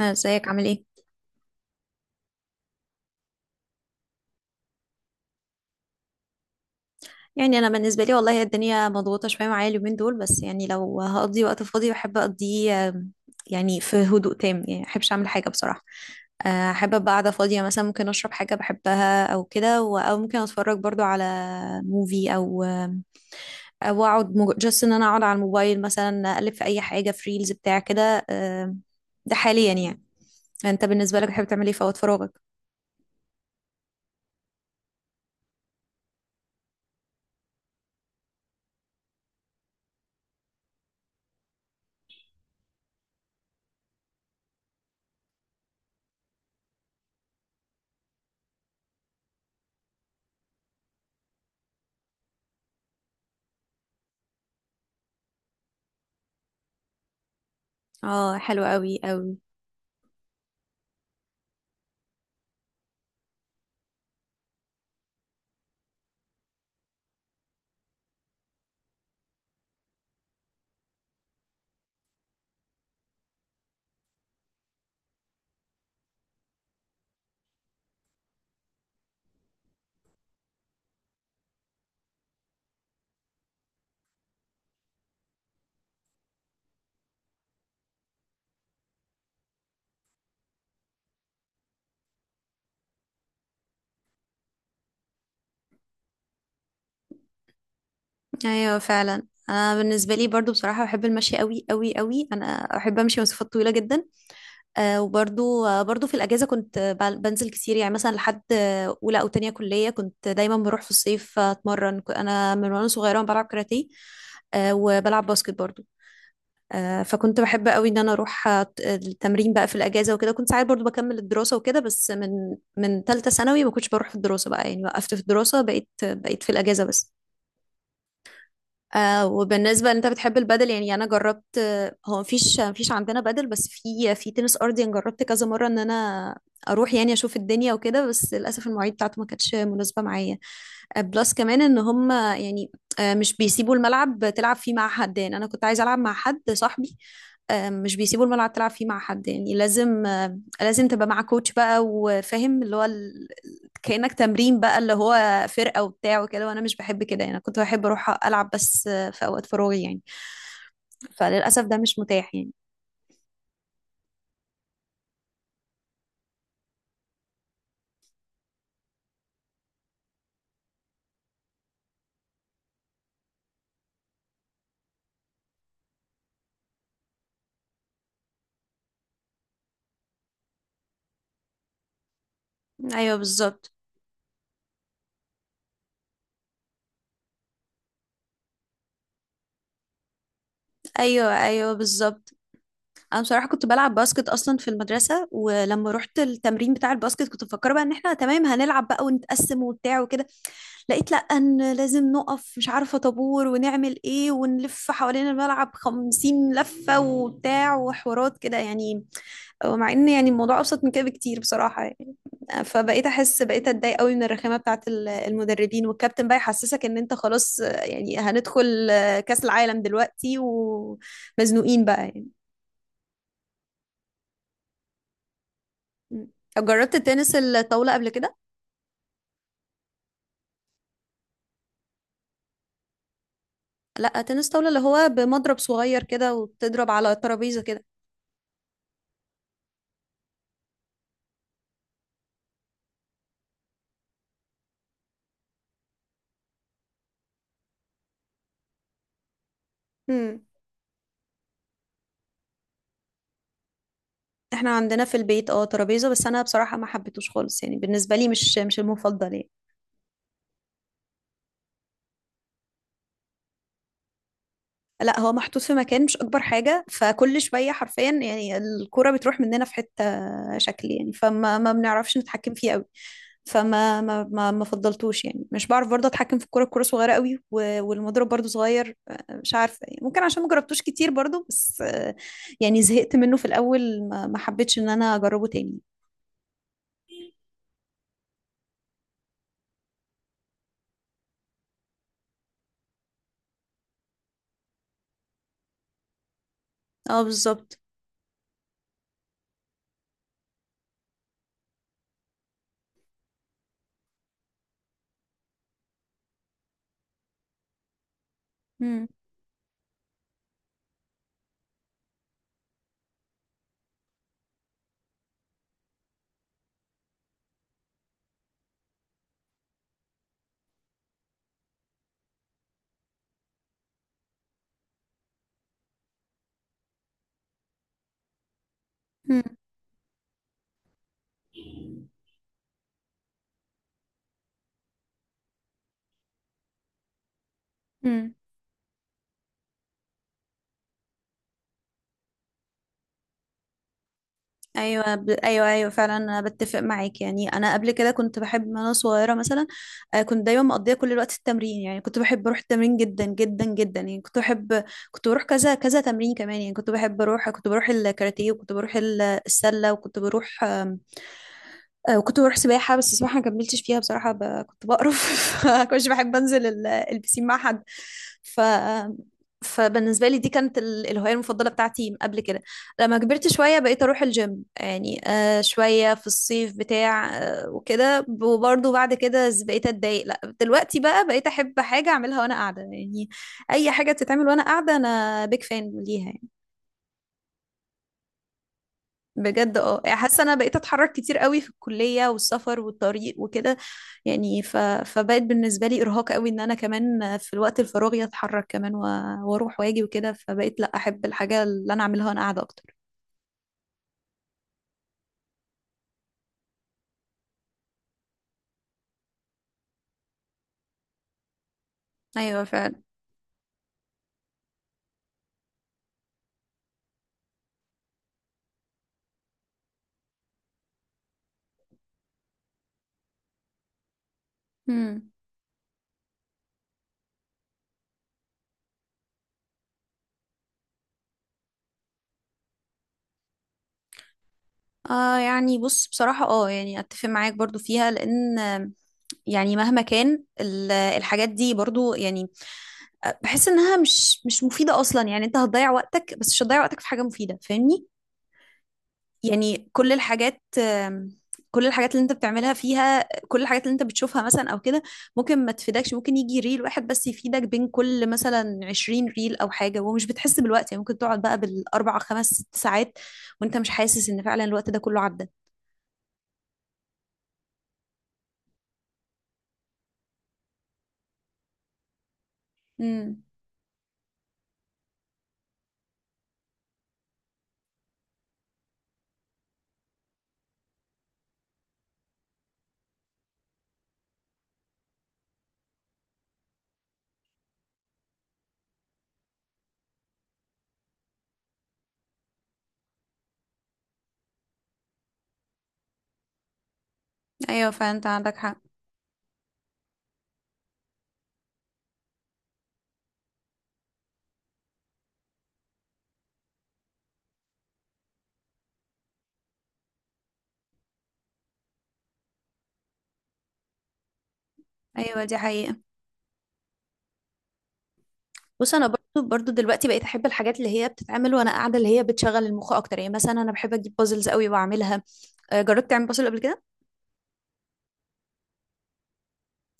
ازيك عامل ايه؟ يعني انا بالنسبه لي والله الدنيا مضغوطه شويه معايا اليومين دول، بس يعني لو هقضي وقت فاضي بحب اقضيه يعني في هدوء تام، يعني ما بحبش اعمل حاجه بصراحه. احب ابقى قاعده فاضيه، مثلا ممكن اشرب حاجه بحبها او كده، او ممكن اتفرج برضو على موفي، او او اقعد جاست ان انا اقعد على الموبايل، مثلا اقلب في اي حاجه في ريلز بتاع كده. ده حاليا يعني. انت بالنسبه لك بتحب تعمل ايه في وقت فراغك؟ اه، حلو قوي قوي. ايوه فعلا. انا بالنسبه لي برضو بصراحه بحب المشي قوي قوي قوي، انا احب امشي مسافات طويله جدا. آه وبرضو آه برضو في الاجازه كنت بنزل كتير، يعني مثلا لحد اولى او تانية كليه كنت دايما بروح في الصيف اتمرن. انا من وانا صغيره بلعب كاراتيه، آه وبلعب باسكت برضو. آه، فكنت بحب قوي ان انا اروح التمرين بقى في الاجازه وكده، كنت ساعات برضو بكمل الدراسه وكده، بس من من ثالثه ثانوي ما كنتش بروح في الدراسه بقى، يعني وقفت في الدراسه، بقيت في الاجازه بس. آه، وبالنسبة ان انت بتحب البادل، يعني انا جربت. هو مفيش عندنا بادل، بس في تنس ارضي انا جربت كذا مرة ان انا اروح يعني اشوف الدنيا وكده، بس للاسف المواعيد بتاعته ما كانتش مناسبة معايا. بلس كمان ان هم يعني مش بيسيبوا الملعب تلعب فيه مع حد، يعني انا كنت عايزة العب مع حد صاحبي. مش بيسيبوا الملعب تلعب فيه مع حد، يعني لازم لازم تبقى مع كوتش بقى وفاهم اللي هو كأنك تمرين بقى، اللي هو فرقة وبتاع وكده، وانا مش بحب كده. يعني أنا كنت بحب اروح العب بس في اوقات فراغي يعني، فللاسف ده مش متاح يعني. ايوه بالظبط. ايوه ايوه بالظبط. انا بصراحه كنت بلعب باسكت اصلا في المدرسه، ولما رحت التمرين بتاع الباسكت كنت مفكره بقى ان احنا تمام هنلعب بقى ونتقسم وبتاع وكده. لقيت لا، ان لازم نقف مش عارفه طابور، ونعمل ايه ونلف حوالين الملعب خمسين لفه وبتاع وحوارات كده يعني، مع ان يعني الموضوع ابسط من كده بكتير بصراحه يعني. فبقيت احس، بقيت اتضايق قوي من الرخامه بتاعت المدربين والكابتن بقى يحسسك ان انت خلاص، يعني هندخل كاس العالم دلوقتي ومزنوقين بقى يعني. م. جربت تنس الطاوله قبل كده؟ لا، تنس طاوله اللي هو بمضرب صغير كده وبتضرب على ترابيزه كده. امم، احنا عندنا في البيت اه ترابيزه، بس انا بصراحه ما حبيتهوش خالص، يعني بالنسبه لي مش مش المفضل يعني. لا، هو محطوط في مكان مش اكبر حاجه، فكل شويه حرفيا يعني الكوره بتروح مننا في حته شكل يعني، فما ما بنعرفش نتحكم فيه قوي. فما ما ما ما فضلتوش يعني، مش بعرف برضه اتحكم في الكوره صغيره قوي والمضرب برضه صغير. مش عارفه يعني، ممكن عشان ما جربتوش كتير برضه، بس يعني زهقت منه في الاول، ما حبيتش ان انا اجربه تاني. اه بالظبط. مم. مم. ايوه ايوه ايوه فعلا، انا بتفق معاك. يعني انا قبل كده كنت بحب من وانا صغيره مثلا، كنت دايما مقضيه كل الوقت في التمرين، يعني كنت بحب اروح التمرين جدا جدا جدا، يعني كنت بحب كنت بروح كذا كذا تمرين كمان، يعني كنت بحب اروح، كنت بروح الكاراتيه وكنت بروح السله وكنت بروح وكنت بروح سباحة، بس السباحة ما كملتش فيها بصراحة، كنت بقرف. فكنتش بحب انزل البسين مع حد. ف فبالنسبة لي دي كانت الهواية المفضلة بتاعتي من قبل كده. لما كبرت شوية بقيت اروح الجيم، يعني آه شوية في الصيف بتاع آه وكده، وبرضه بعد كده بقيت اتضايق، لا دلوقتي بقى بقيت احب حاجة اعملها وانا قاعدة يعني. اي حاجة بتتعمل وانا قاعدة انا بيك فان ليها يعني. بجد اه، يعني حاسة انا بقيت اتحرك كتير قوي في الكلية والسفر والطريق وكده، يعني فبقت بالنسبة لي ارهاق قوي ان انا كمان في الوقت الفراغي اتحرك كمان و... واروح واجي وكده، فبقيت لا، احب الحاجة اللي انا اعملها وانا قاعدة اكتر. ايوه فعلا. مم. آه، يعني بص بصراحة اه، يعني اتفق معاك برضو فيها، لان يعني مهما كان الحاجات دي برضو يعني بحس انها مش مش مفيدة اصلا، يعني انت هتضيع وقتك، بس مش هتضيع وقتك في حاجة مفيدة، فاهمني؟ يعني كل الحاجات كل الحاجات اللي انت بتعملها فيها، كل الحاجات اللي انت بتشوفها مثلا او كده، ممكن ما تفيدكش، ممكن يجي ريل واحد بس يفيدك بين كل مثلا 20 ريل او حاجة، ومش بتحس بالوقت، يعني ممكن تقعد بقى بالاربع خمس ست ساعات وانت مش حاسس ان فعلا الوقت ده كله عدى. مم. ايوه فانت عندك حق. ايوه دي حقيقة. بص انا برضو برضو دلوقتي بقيت احب الحاجات اللي هي بتتعمل وانا قاعده، اللي هي بتشغل المخ اكتر، يعني مثلا انا بحب اجيب بازلز قوي واعملها. جربت تعمل بازل قبل كده؟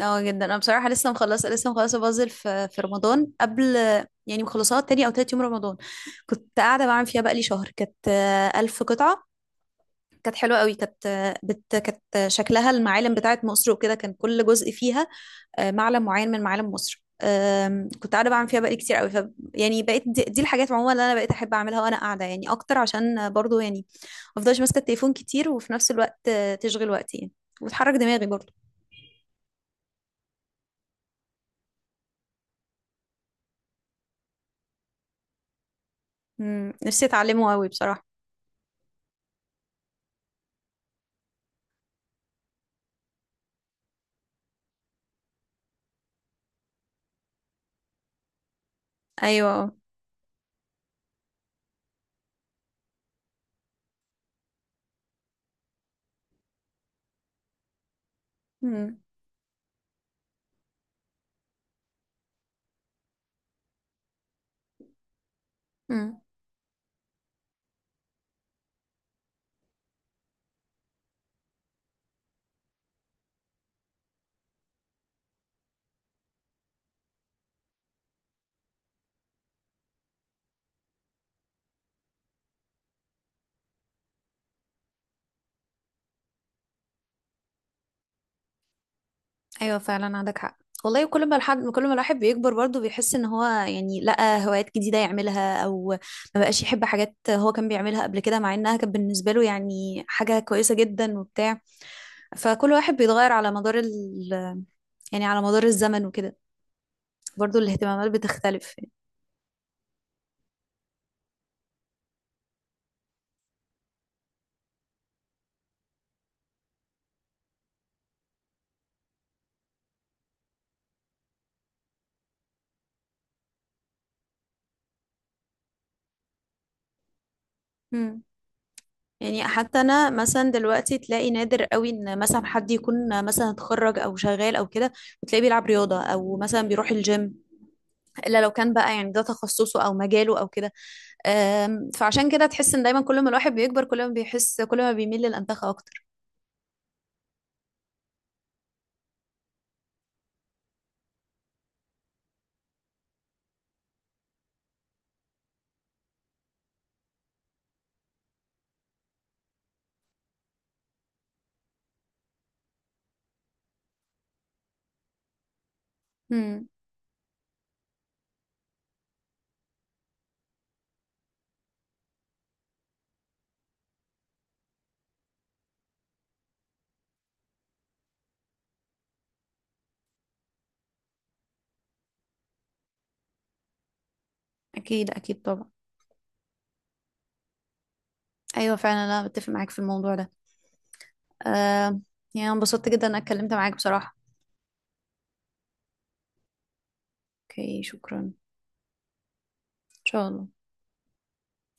اه جدا. انا بصراحة لسه مخلصة، لسه مخلصة بازل في رمضان، قبل يعني، مخلصاها تاني او تالت يوم رمضان. كنت قاعدة بعمل فيها بقالي شهر، كانت ألف قطعة. كانت حلوة قوي، كانت كانت شكلها المعالم بتاعت مصر وكده، كان كل جزء فيها معلم معين من معالم مصر. كنت قاعده بعمل فيها بقالي كتير قوي. يعني بقيت دي الحاجات عموما اللي انا بقيت احب اعملها وانا قاعده يعني اكتر، عشان برضو يعني ما افضلش ماسكه التليفون كتير، وفي نفس الوقت تشغل وقتي يعني، وتحرك دماغي برضو. مم، نفسي اتعلمه قوي بصراحه. ايوه. مم. مم. ايوه فعلا عندك حق. والله كل ما الواحد بيكبر برضه بيحس ان هو يعني لقى هوايات جديده يعملها، او ما بقاش يحب حاجات هو كان بيعملها قبل كده، مع انها كانت بالنسبه له يعني حاجه كويسه جدا وبتاع، فكل واحد بيتغير على مدار يعني على مدار الزمن وكده، برضو الاهتمامات بتختلف يعني. مم. يعني حتى انا مثلا دلوقتي تلاقي نادر قوي ان مثلا حد يكون مثلا اتخرج او شغال او كده، وتلاقيه بيلعب رياضه او مثلا بيروح الجيم، الا لو كان بقى يعني ده تخصصه او مجاله او كده. فعشان كده تحس ان دايما كل ما الواحد بيكبر كل ما بيحس، كل ما بيميل للانتخاب اكتر. مم. اكيد اكيد طبعا. ايوه فعلا انا بتفق معاك في الموضوع ده. أم، يعني أنا انبسطت جدا إن انا اتكلمت معاك بصراحه. اوكي، شكرا. ان شاء الله.